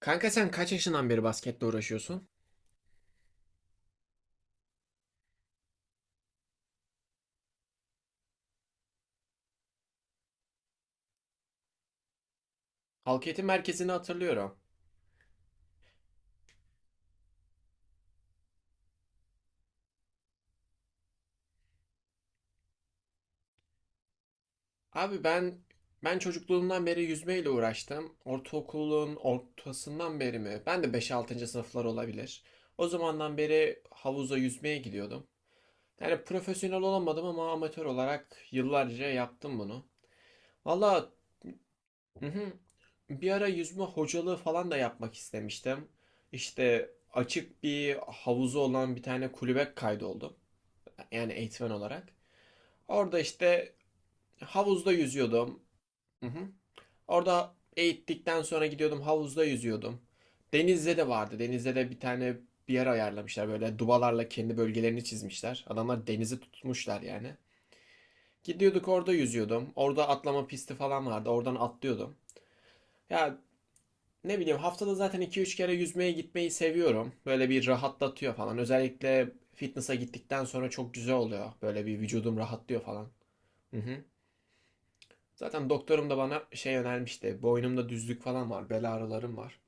Kanka sen kaç yaşından beri basketle uğraşıyorsun? Halk eğitim merkezini hatırlıyorum. Abi ben çocukluğumdan beri yüzmeyle uğraştım. Ortaokulun ortasından beri mi? Ben de beş 6 sınıflar olabilir. O zamandan beri havuza yüzmeye gidiyordum. Yani profesyonel olamadım ama amatör olarak yıllarca yaptım bunu. Valla, hı hı. Bir ara yüzme hocalığı falan da yapmak istemiştim. İşte açık bir havuzu olan bir tane kulübe kaydoldum. Yani eğitmen olarak. Orada işte havuzda yüzüyordum. Hı hı. Orada eğittikten sonra gidiyordum, havuzda yüzüyordum. Denizde de vardı. Denizde de bir tane bir yer ayarlamışlar. Böyle dubalarla kendi bölgelerini çizmişler. Adamlar denizi tutmuşlar yani. Gidiyorduk, orada yüzüyordum. Orada atlama pisti falan vardı. Oradan atlıyordum. Ya, ne bileyim, haftada zaten iki üç kere yüzmeye gitmeyi seviyorum. Böyle bir rahatlatıyor falan. Özellikle fitness'a gittikten sonra çok güzel oluyor. Böyle bir vücudum rahatlıyor falan. Hı hı. Zaten doktorum da bana şey önermişti. Boynumda düzlük falan var, bel ağrılarım var.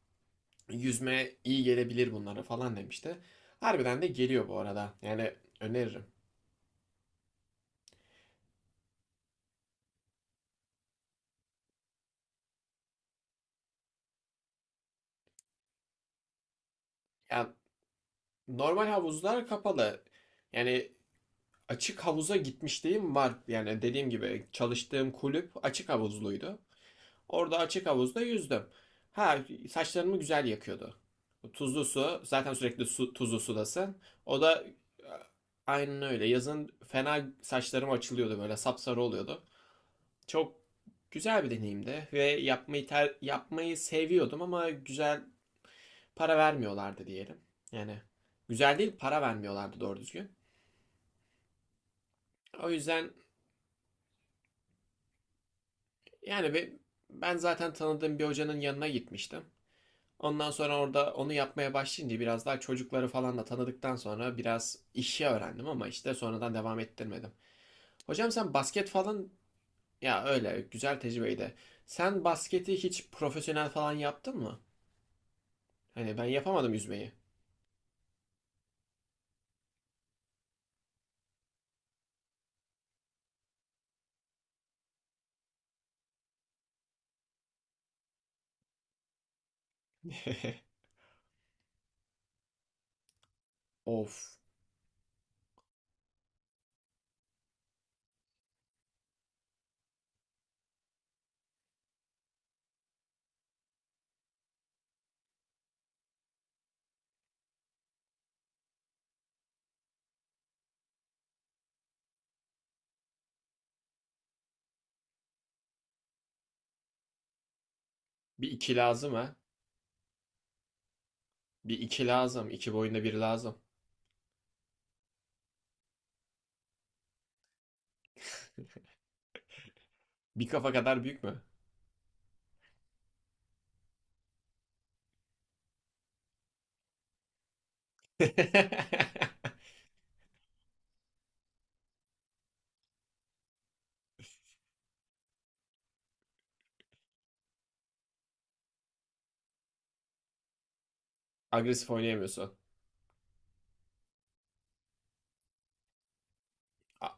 Yüzme iyi gelebilir bunlara falan demişti. Harbiden de geliyor bu arada. Yani öneririm. Ya, normal havuzlar kapalı. Yani açık havuza gitmişliğim var. Yani dediğim gibi çalıştığım kulüp açık havuzluydu. Orada açık havuzda yüzdüm. Ha, saçlarımı güzel yakıyordu. Tuzlu su. Zaten sürekli su, tuzlu sudasın. O da aynen öyle. Yazın fena saçlarım açılıyordu, böyle sapsarı oluyordu. Çok güzel bir deneyimdi ve yapmayı seviyordum ama güzel para vermiyorlardı diyelim. Yani güzel değil, para vermiyorlardı doğru düzgün. O yüzden yani ben zaten tanıdığım bir hocanın yanına gitmiştim. Ondan sonra orada onu yapmaya başlayınca biraz daha çocukları falan da tanıdıktan sonra biraz işi öğrendim ama işte sonradan devam ettirmedim. Hocam, sen basket falan, ya öyle güzel tecrübeydi. Sen basketi hiç profesyonel falan yaptın mı? Hani ben yapamadım yüzmeyi. Of. Bir iki lazım, ha. Bir iki lazım. İki boyunda bir lazım. Bir kafa kadar büyük mü? Agresif oynayamıyorsun. A-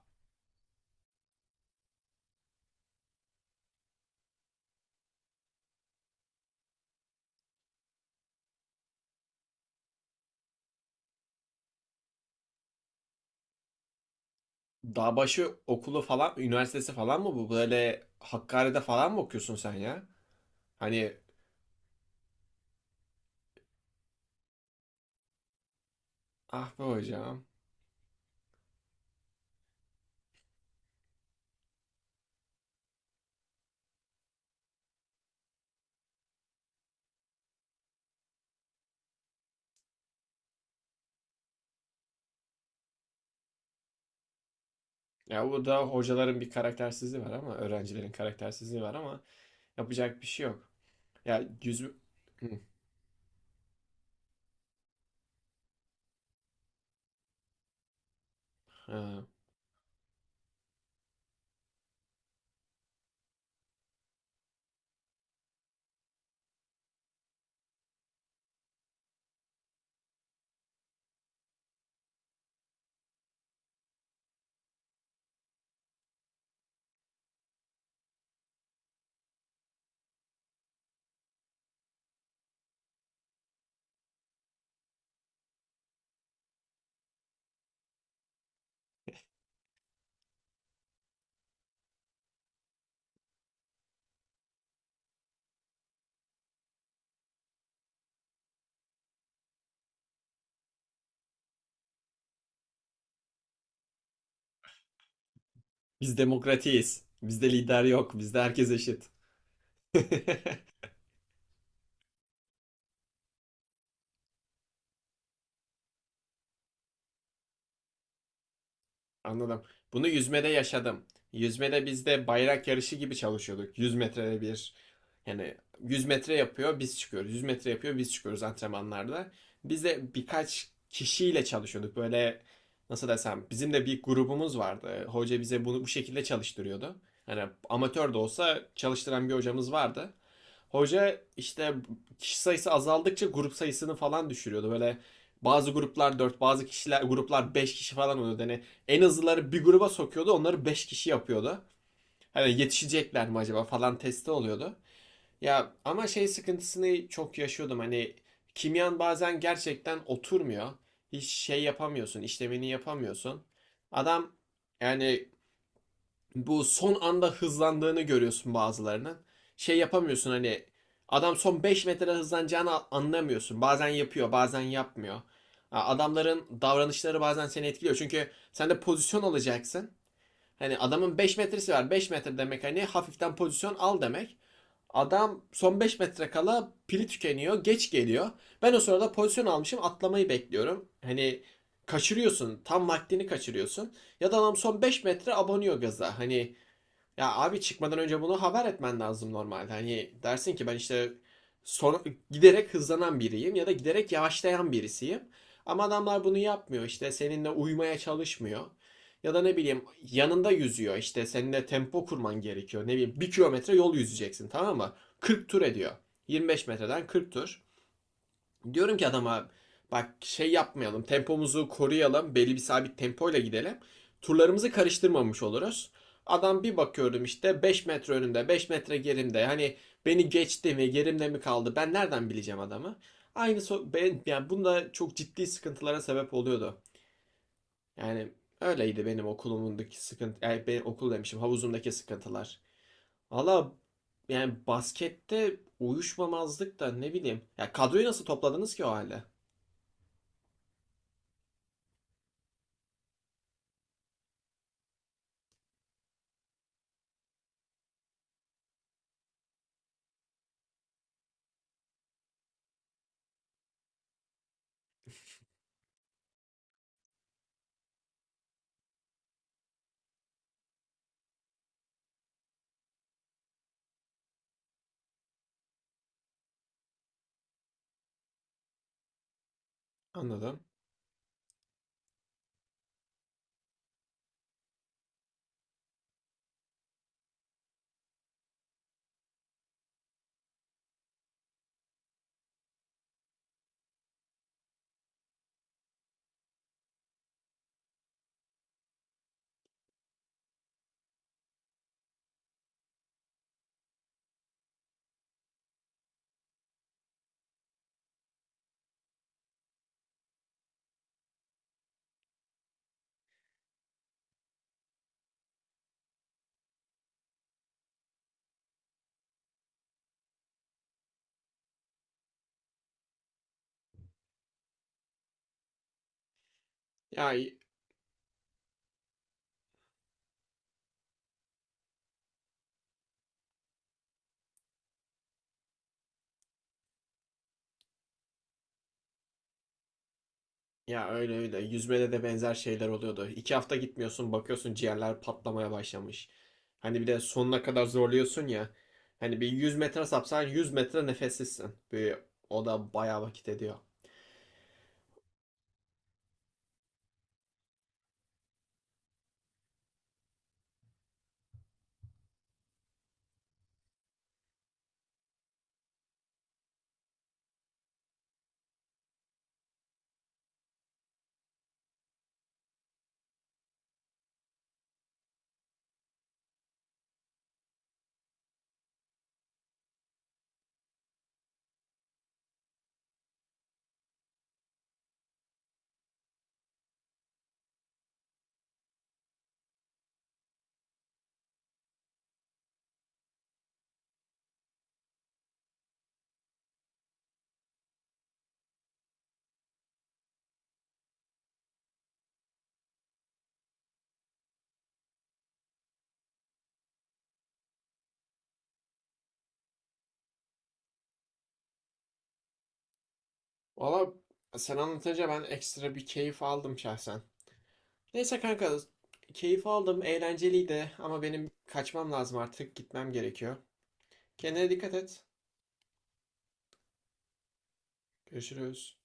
Dağbaşı okulu falan, üniversitesi falan mı bu? Böyle Hakkari'de falan mı okuyorsun sen ya? Hani ah be hocam. Ya burada hocaların bir karaktersizliği var ama öğrencilerin karaktersizliği var ama yapacak bir şey yok. Ya, yüz... Hı, ha. Biz demokratiyiz. Bizde lider yok. Bizde herkes eşit. Anladım. Bunu yüzmede yaşadım. Yüzmede biz de bayrak yarışı gibi çalışıyorduk. 100 metrede bir, yani 100 metre yapıyor biz çıkıyoruz. 100 metre yapıyor biz çıkıyoruz antrenmanlarda. Biz de birkaç kişiyle çalışıyorduk. Böyle, nasıl desem, bizim de bir grubumuz vardı. Hoca bize bunu bu şekilde çalıştırıyordu. Hani amatör de olsa çalıştıran bir hocamız vardı. Hoca işte kişi sayısı azaldıkça grup sayısını falan düşürüyordu. Böyle bazı gruplar dört, bazı kişiler gruplar 5 kişi falan oluyordu. Hani en hızlıları bir gruba sokuyordu. Onları 5 kişi yapıyordu. Hani yetişecekler mi acaba falan testi oluyordu. Ya ama şey sıkıntısını çok yaşıyordum. Hani kimyan bazen gerçekten oturmuyor. Hiç şey yapamıyorsun, işlemini yapamıyorsun. Adam, yani bu son anda hızlandığını görüyorsun bazılarının. Şey yapamıyorsun, hani adam son 5 metre hızlanacağını anlamıyorsun. Bazen yapıyor, bazen yapmıyor. Adamların davranışları bazen seni etkiliyor. Çünkü sen de pozisyon alacaksın. Hani adamın 5 metresi var. 5 metre demek, hani hafiften pozisyon al demek. Adam son 5 metre kala pili tükeniyor. Geç geliyor. Ben o sırada pozisyon almışım. Atlamayı bekliyorum. Hani kaçırıyorsun. Tam vaktini kaçırıyorsun. Ya da adam son 5 metre abanıyor gaza. Hani ya abi, çıkmadan önce bunu haber etmen lazım normalde. Hani dersin ki ben işte son, giderek hızlanan biriyim ya da giderek yavaşlayan birisiyim. Ama adamlar bunu yapmıyor, işte seninle uymaya çalışmıyor. Ya da ne bileyim, yanında yüzüyor, işte seninle tempo kurman gerekiyor. Ne bileyim, bir kilometre yol yüzeceksin tamam mı? 40 tur ediyor. 25 metreden 40 tur. Diyorum ki adama, bak şey yapmayalım, tempomuzu koruyalım, belli bir sabit tempoyla gidelim. Turlarımızı karıştırmamış oluruz. Adam bir bakıyorum işte 5 metre önümde, 5 metre gerimde, hani beni geçti mi gerimde mi kaldı ben nereden bileceğim adamı. Aynı ben, yani bunda çok ciddi sıkıntılara sebep oluyordu. Yani öyleydi benim okulumundaki sıkıntı, yani benim okul demişim havuzumdaki sıkıntılar. Valla, yani baskette uyuşmamazlık da ne bileyim. Ya kadroyu nasıl topladınız ki o halde? Anladım. Ya ya öyle öyle. Yüzmede de benzer şeyler oluyordu. 2 hafta gitmiyorsun, bakıyorsun ciğerler patlamaya başlamış. Hani bir de sonuna kadar zorluyorsun ya. Hani bir 100 metre sapsan 100 metre nefessizsin. Bir, o da bayağı vakit ediyor. Valla, sen anlatınca ben ekstra bir keyif aldım şahsen. Neyse kanka, keyif aldım, eğlenceliydi ama benim kaçmam lazım artık, gitmem gerekiyor. Kendine dikkat et. Görüşürüz.